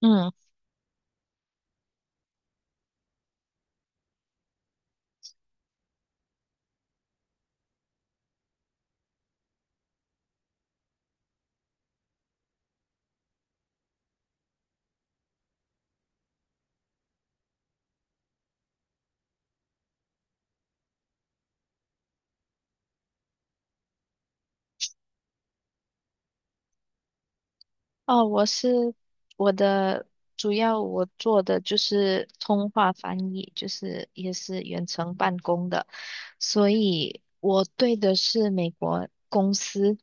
嗯，哦，我是我的主要我做的就是通话翻译，就是也是远程办公的，所以我对的是美国公司。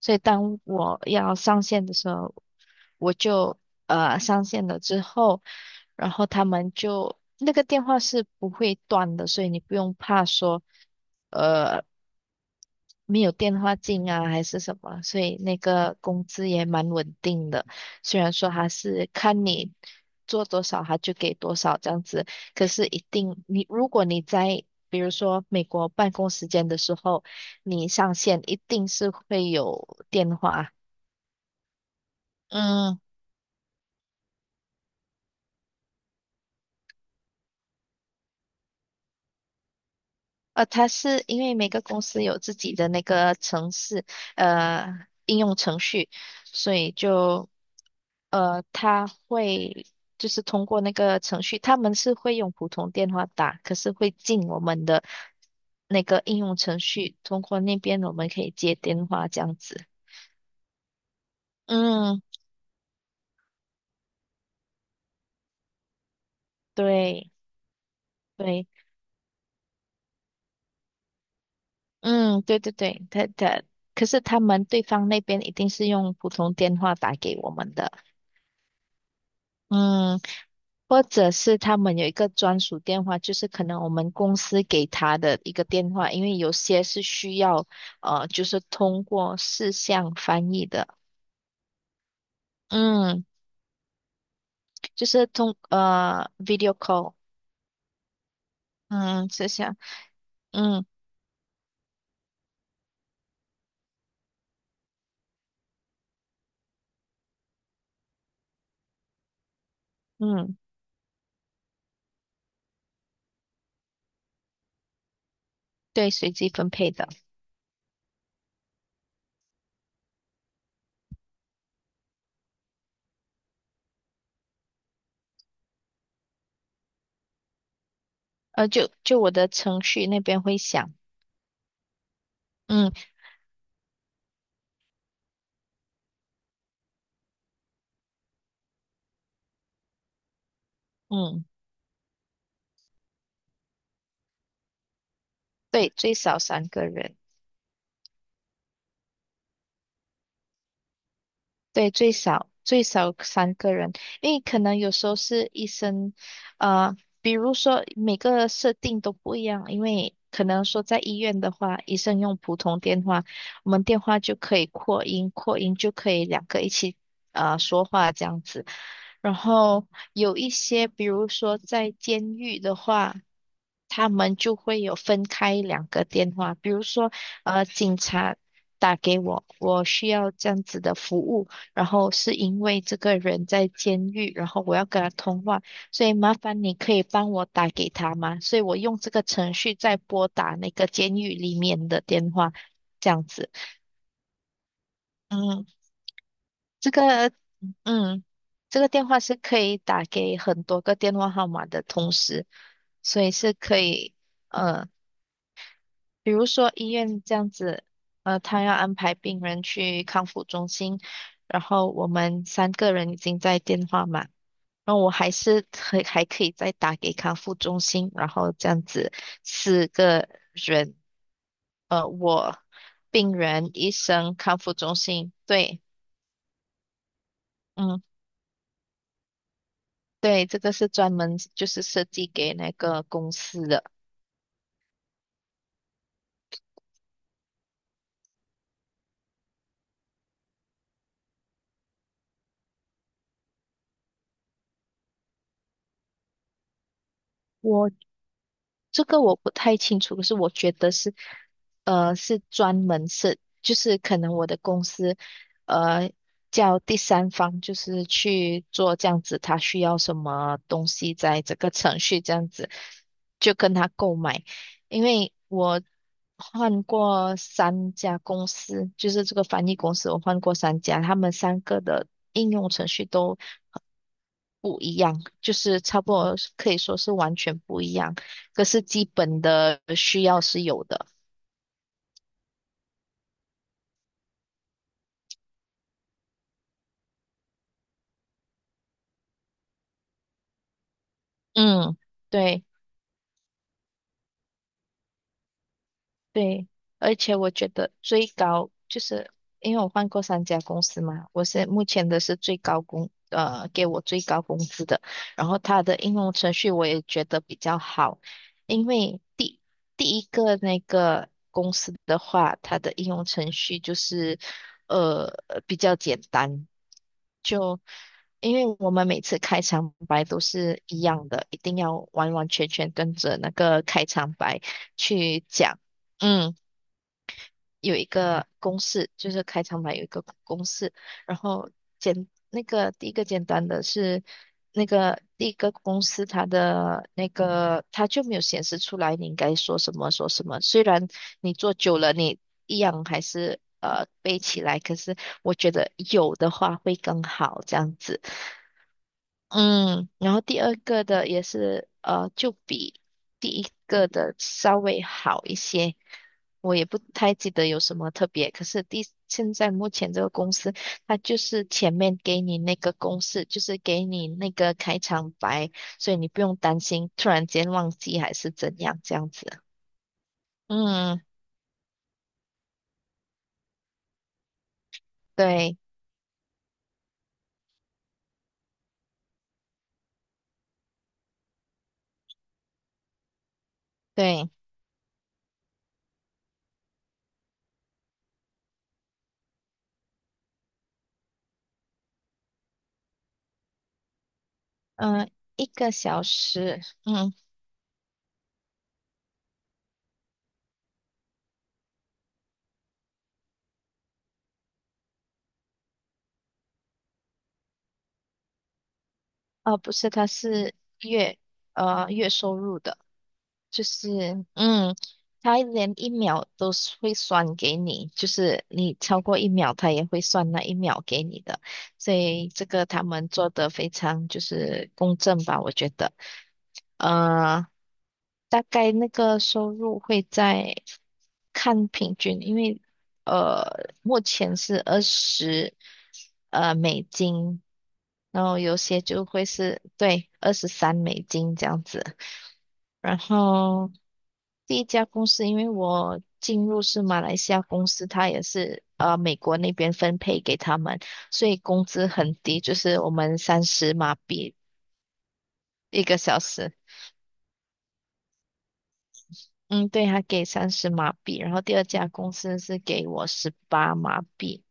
所以当我要上线的时候，我就上线了之后，然后他们就那个电话是不会断的，所以你不用怕说。呃。没有电话进啊，还是什么，所以那个工资也蛮稳定的。虽然说他是看你做多少，他就给多少这样子，可是一定你如果你在比如说美国办公时间的时候，你上线一定是会有电话。嗯，他是因为每个公司有自己的那个程式，呃，应用程序，所以就。呃，他会就是通过那个程序，他们是会用普通电话打，可是会进我们的那个应用程序，通过那边我们可以接电话这样子。嗯，对对。嗯，对对对，可是他们对方那边一定是用普通电话打给我们的。嗯。或者是他们有一个专属电话，就是可能我们公司给他的一个电话，因为有些是需要就是通过视像翻译的。嗯，就是 video call。嗯，是像，嗯嗯，对，随机分配的。就我的程序那边会响。嗯嗯，对，最少三个人。对，最少最少三个人，因为可能有时候是医生，呃，比如说每个设定都不一样，因为可能说在医院的话，医生用普通电话，我们电话就可以扩音，扩音就可以两个一起说话这样子。然后有一些，比如说在监狱的话，他们就会有分开两个电话，比如说警察打给我，我需要这样子的服务，然后是因为这个人在监狱，然后我要跟他通话，所以麻烦你可以帮我打给他吗？所以我用这个程序在拨打那个监狱里面的电话，这样子。嗯，这个，嗯，这个电话是可以打给很多个电话号码的同时，所以是可以，呃，比如说医院这样子，他要安排病人去康复中心，然后我们三个人已经在电话嘛。然后我还可以再打给康复中心，然后这样子四个人，我、病人、医生、康复中心，对。嗯，对，这个是专门就是设计给那个公司的。这个我不太清楚，可是我觉得是，是专门是，就是可能我的公司，呃，叫第三方，就是去做这样子，他需要什么东西，在这个程序这样子，就跟他购买。因为我换过三家公司，就是这个翻译公司，我换过三家，他们三个的应用程序都不一样，就是差不多可以说是完全不一样，可是基本的需要是有的。嗯，对。对，而且我觉得最高就是因为我换过三家公司嘛，我是目前的是最高工，呃，给我最高工资的。然后他的应用程序我也觉得比较好，因为第一个那个公司的话，它的应用程序就是呃比较简单，就因为我们每次开场白都是一样的，一定要完完全全跟着那个开场白去讲。嗯，有一个公式，就是开场白有一个公式。然后那个第一个简单的是那个第一个公式，它的那个它就没有显示出来你应该说什么说什么，虽然你做久了你一样还是背起来，可是我觉得有的话会更好这样子。嗯，然后第二个的也是就比第一个的稍微好一些。我也不太记得有什么特别，可是第现在目前这个公司，它就是前面给你那个公式，就是给你那个开场白，所以你不用担心突然间忘记还是怎样这样子。嗯，对对。嗯、一个小时。嗯，哦，不是，它是月月收入的。就是，嗯，他连一秒都是会算给你，就是你超过一秒，他也会算那一秒给你的，所以这个他们做的非常就是公正吧，我觉得。呃，大概那个收入会在看平均，因为呃，目前是二十美金，然后有些就会是对23美金这样子。然后第一家公司，因为我进入是马来西亚公司，它也是美国那边分配给他们，所以工资很低，就是我们三十马币一个小时。嗯，对，他给三十马币，然后第二家公司是给我18马币。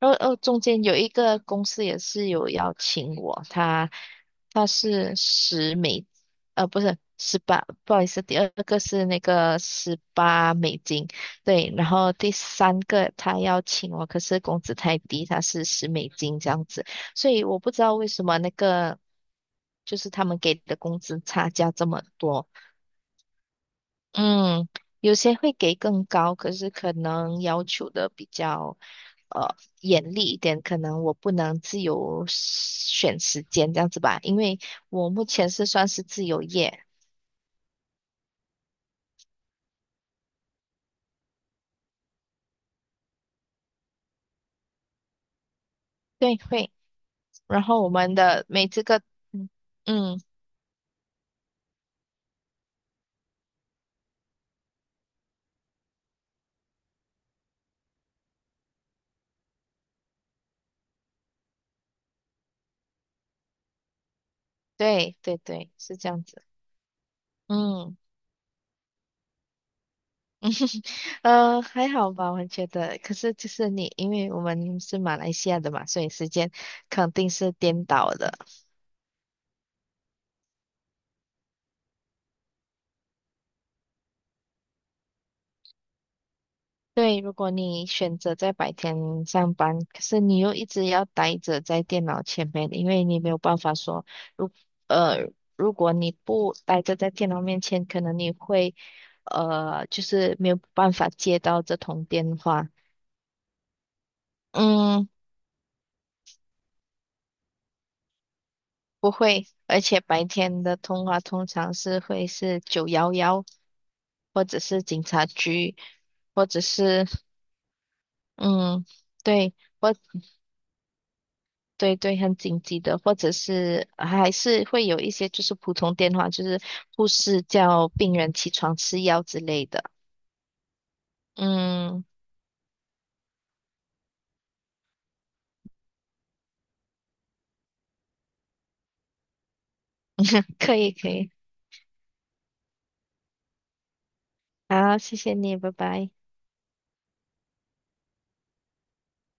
然后哦，中间有一个公司也是有邀请我，他是十美，不是十八，不好意思，第二个是那个18美金，对。然后第三个他邀请我，可是工资太低，他是10美金这样子，所以我不知道为什么那个就是他们给的工资差价这么多。嗯，有些会给更高，可是可能要求的比较。呃严厉一点，可能我不能自由选时间这样子吧，因为我目前是算是自由业。对，会。然后我们的每这个，嗯，对对对，是这样子。嗯。还好吧，我觉得。可是就是你，因为我们是马来西亚的嘛，所以时间肯定是颠倒的。对，如果你选择在白天上班，可是你又一直要待着在电脑前面，因为你没有办法说，如呃，如果你不待着在电脑面前，可能你会就是没有办法接到这通电话。嗯，不会，而且白天的通话通常是会是911，或者是警察局，或者是嗯，对。对对，很紧急的，或者是还是会有一些就是普通电话，就是护士叫病人起床吃药之类的。嗯，可以可以。好，谢谢你，拜拜。